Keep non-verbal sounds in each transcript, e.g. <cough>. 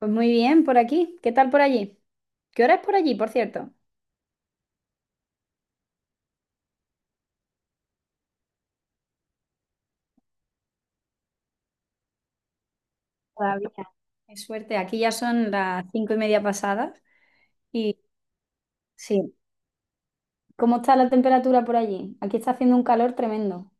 Pues muy bien, por aquí. ¿Qué tal por allí? ¿Qué hora es por allí, por cierto? Todavía. Qué suerte, aquí ya son las 5:30 pasadas. Y sí, ¿cómo está la temperatura por allí? Aquí está haciendo un calor tremendo.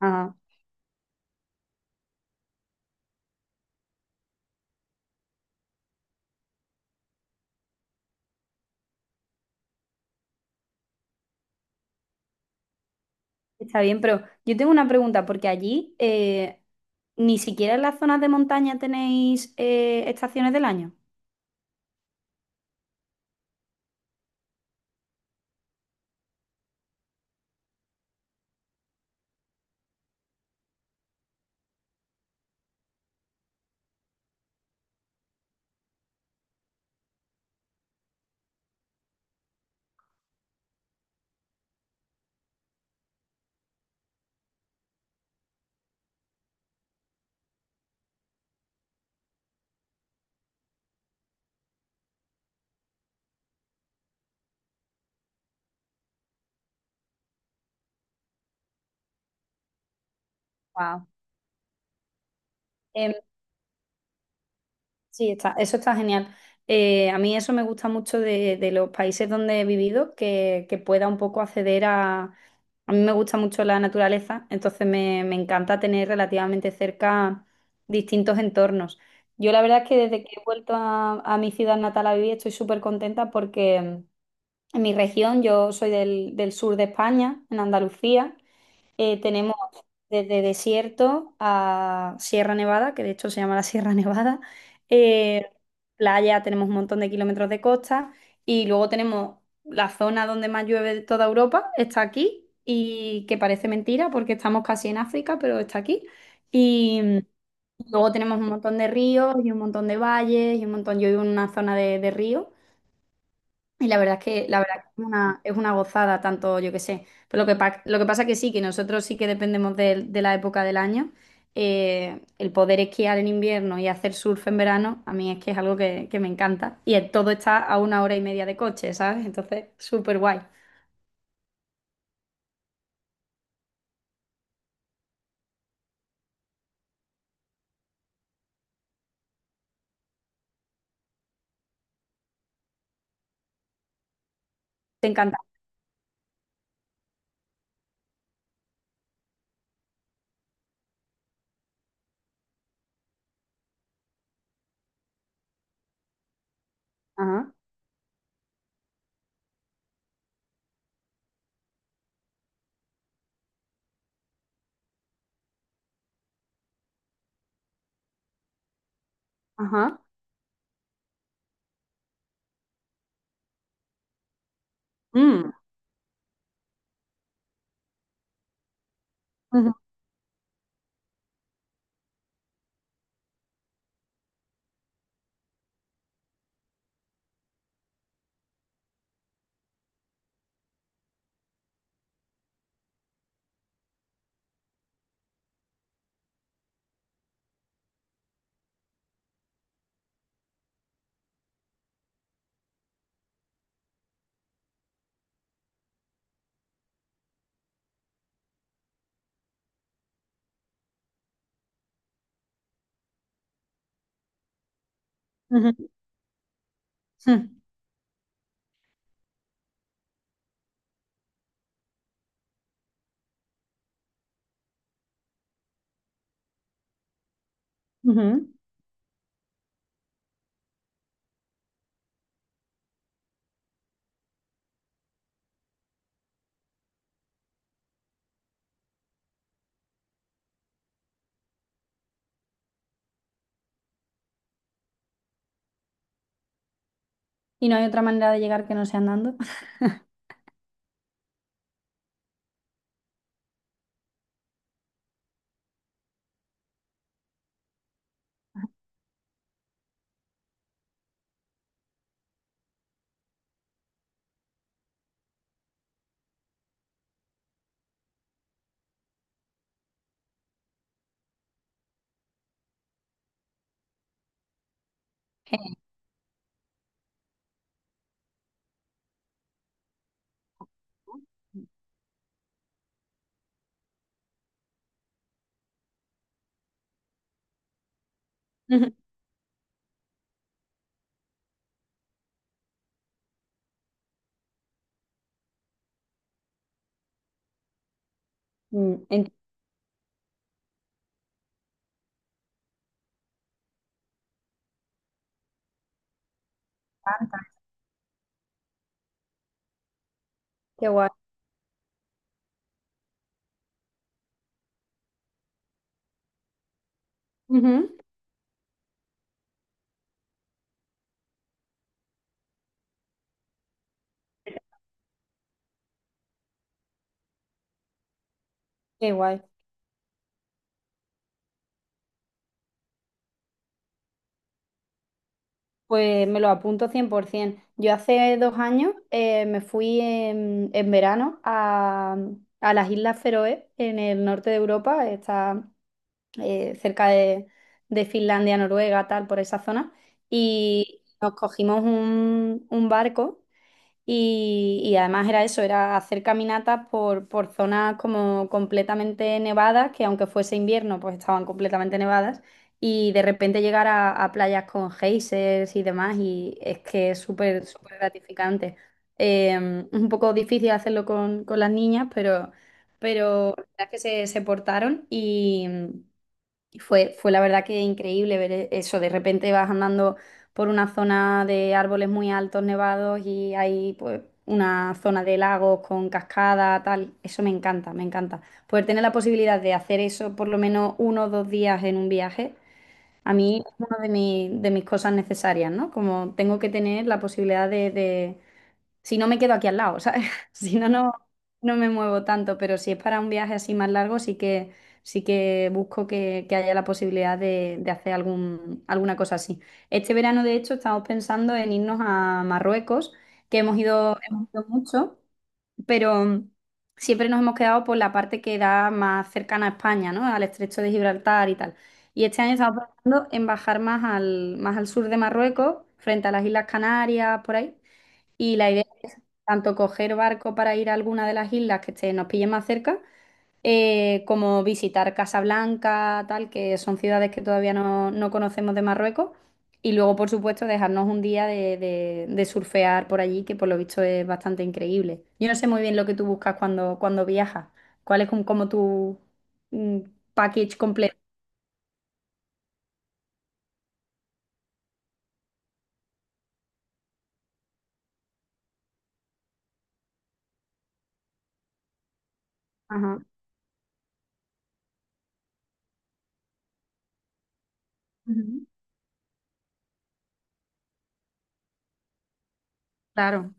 Ah, está bien, pero yo tengo una pregunta, porque allí ni siquiera en las zonas de montaña tenéis estaciones del año. Wow. Sí, está, eso está genial. A mí eso me gusta mucho de, los países donde he vivido, que pueda un poco acceder a... A mí me gusta mucho la naturaleza, entonces me encanta tener relativamente cerca distintos entornos. Yo la verdad es que desde que he vuelto a mi ciudad natal a vivir estoy súper contenta porque en mi región, yo soy del sur de España, en Andalucía, tenemos desde desierto a Sierra Nevada, que de hecho se llama la Sierra <laughs> Nevada, eh, playa, tenemos un montón de kilómetros de costa y luego tenemos la zona donde más llueve de toda Europa, está aquí y que parece mentira porque estamos casi en África, pero está aquí. Y luego tenemos un montón de ríos y un montón de valles y un montón, yo vivo en una zona de ríos y la verdad es que la verdad que es una gozada, tanto yo que sé. Pero lo que pasa que sí, que nosotros sí que dependemos de la época del año. El poder esquiar en invierno y hacer surf en verano, a mí es que es algo que me encanta. Y todo está a una hora y media de coche, ¿sabes? Entonces, súper guay. Te encanta. Ajá, ajá. Mm. Ujú, ujú, ujú, ujú. Y no hay otra manera de llegar que no sea andando. <laughs> Mm, ent- Qué guay. Ujú. Qué guay. Pues me lo apunto 100%. Yo hace 2 años me fui en, verano a las Islas Feroe, en el norte de Europa, está cerca de, Finlandia, Noruega, tal, por esa zona, y nos cogimos un barco y además era eso, era hacer caminatas por zonas como completamente nevadas, que aunque fuese invierno, pues estaban completamente nevadas, y de repente llegar a playas con geysers y demás, y es que es súper, súper gratificante. Eh, un poco difícil hacerlo con las niñas, pero la verdad es que se portaron y... Y fue la verdad que increíble ver eso. De repente vas andando por una zona de árboles muy altos, nevados, y hay pues una zona de lagos con cascada, tal. Eso me encanta, me encanta. Poder tener la posibilidad de hacer eso por lo menos 1 o 2 días en un viaje, a mí es una de, de mis cosas necesarias, ¿no? Como tengo que tener la posibilidad de si no me quedo aquí al lado, ¿sabes? <laughs> Si no, no, no me muevo tanto, pero si es para un viaje así más largo, sí que busco que haya la posibilidad de hacer algún, alguna cosa así. Este verano, de hecho, estamos pensando en irnos a Marruecos, que hemos ido mucho, pero siempre nos hemos quedado por la parte que da más cercana a España, ¿no? Al estrecho de Gibraltar y tal. Y este año estamos pensando en bajar más al sur de Marruecos, frente a las Islas Canarias, por ahí. Y la idea tanto coger barco para ir a alguna de las islas que nos pille más cerca, como visitar Casablanca, tal, que son ciudades que todavía no conocemos de Marruecos. Y luego, por supuesto, dejarnos un día de, de surfear por allí, que por lo visto es bastante increíble. Yo no sé muy bien lo que tú buscas cuando viajas. ¿Cuál es como tu mm, package completo? Ajá. Ujú. Claro.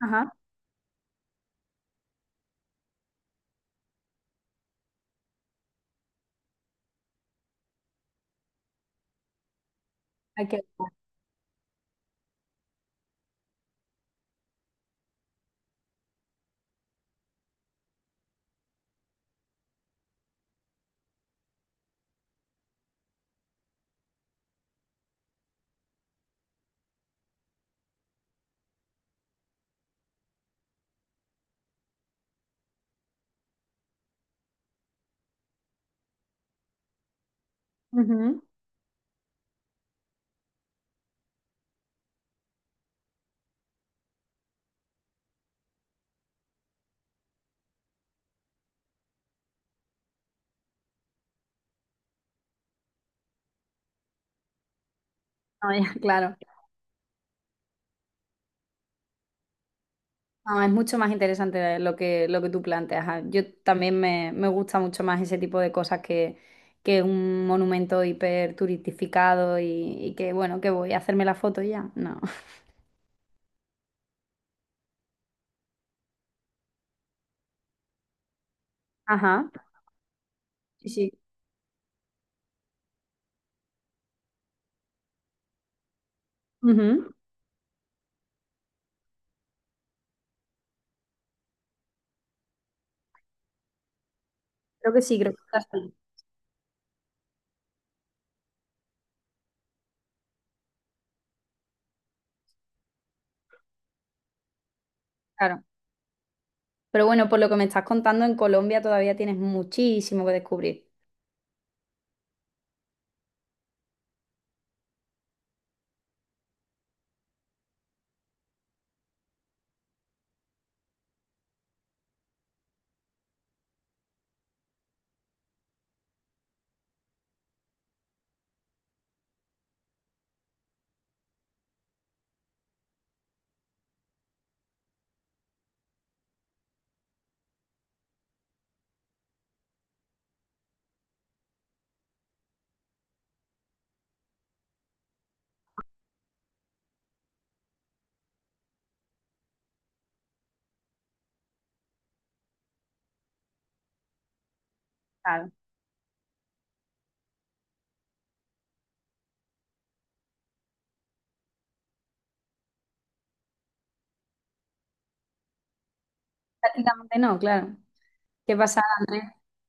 Ajá. Hay que... Ujú. No, <laughs> ya, claro. No, es mucho más interesante lo que tú planteas. Ah, yo también me gusta mucho más ese tipo de cosas que un monumento hiperturistificado y que, bueno, que voy a hacerme la foto y ya. No. <laughs> Ajá. Sí, sí. Ujú. Creo que sí, creo que está así. Claro. Pero bueno, por lo que me estás contando, en Colombia todavía tienes muchísimo que descubrir. Claro. Prácticamente no, claro. ¿Qué pasa, Andrés?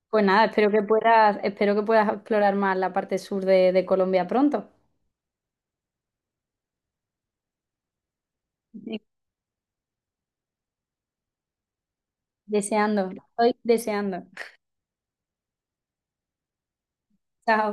Pues nada, espero que puedas explorar más la parte sur de Colombia pronto. Deseando, estoy deseando. Chao.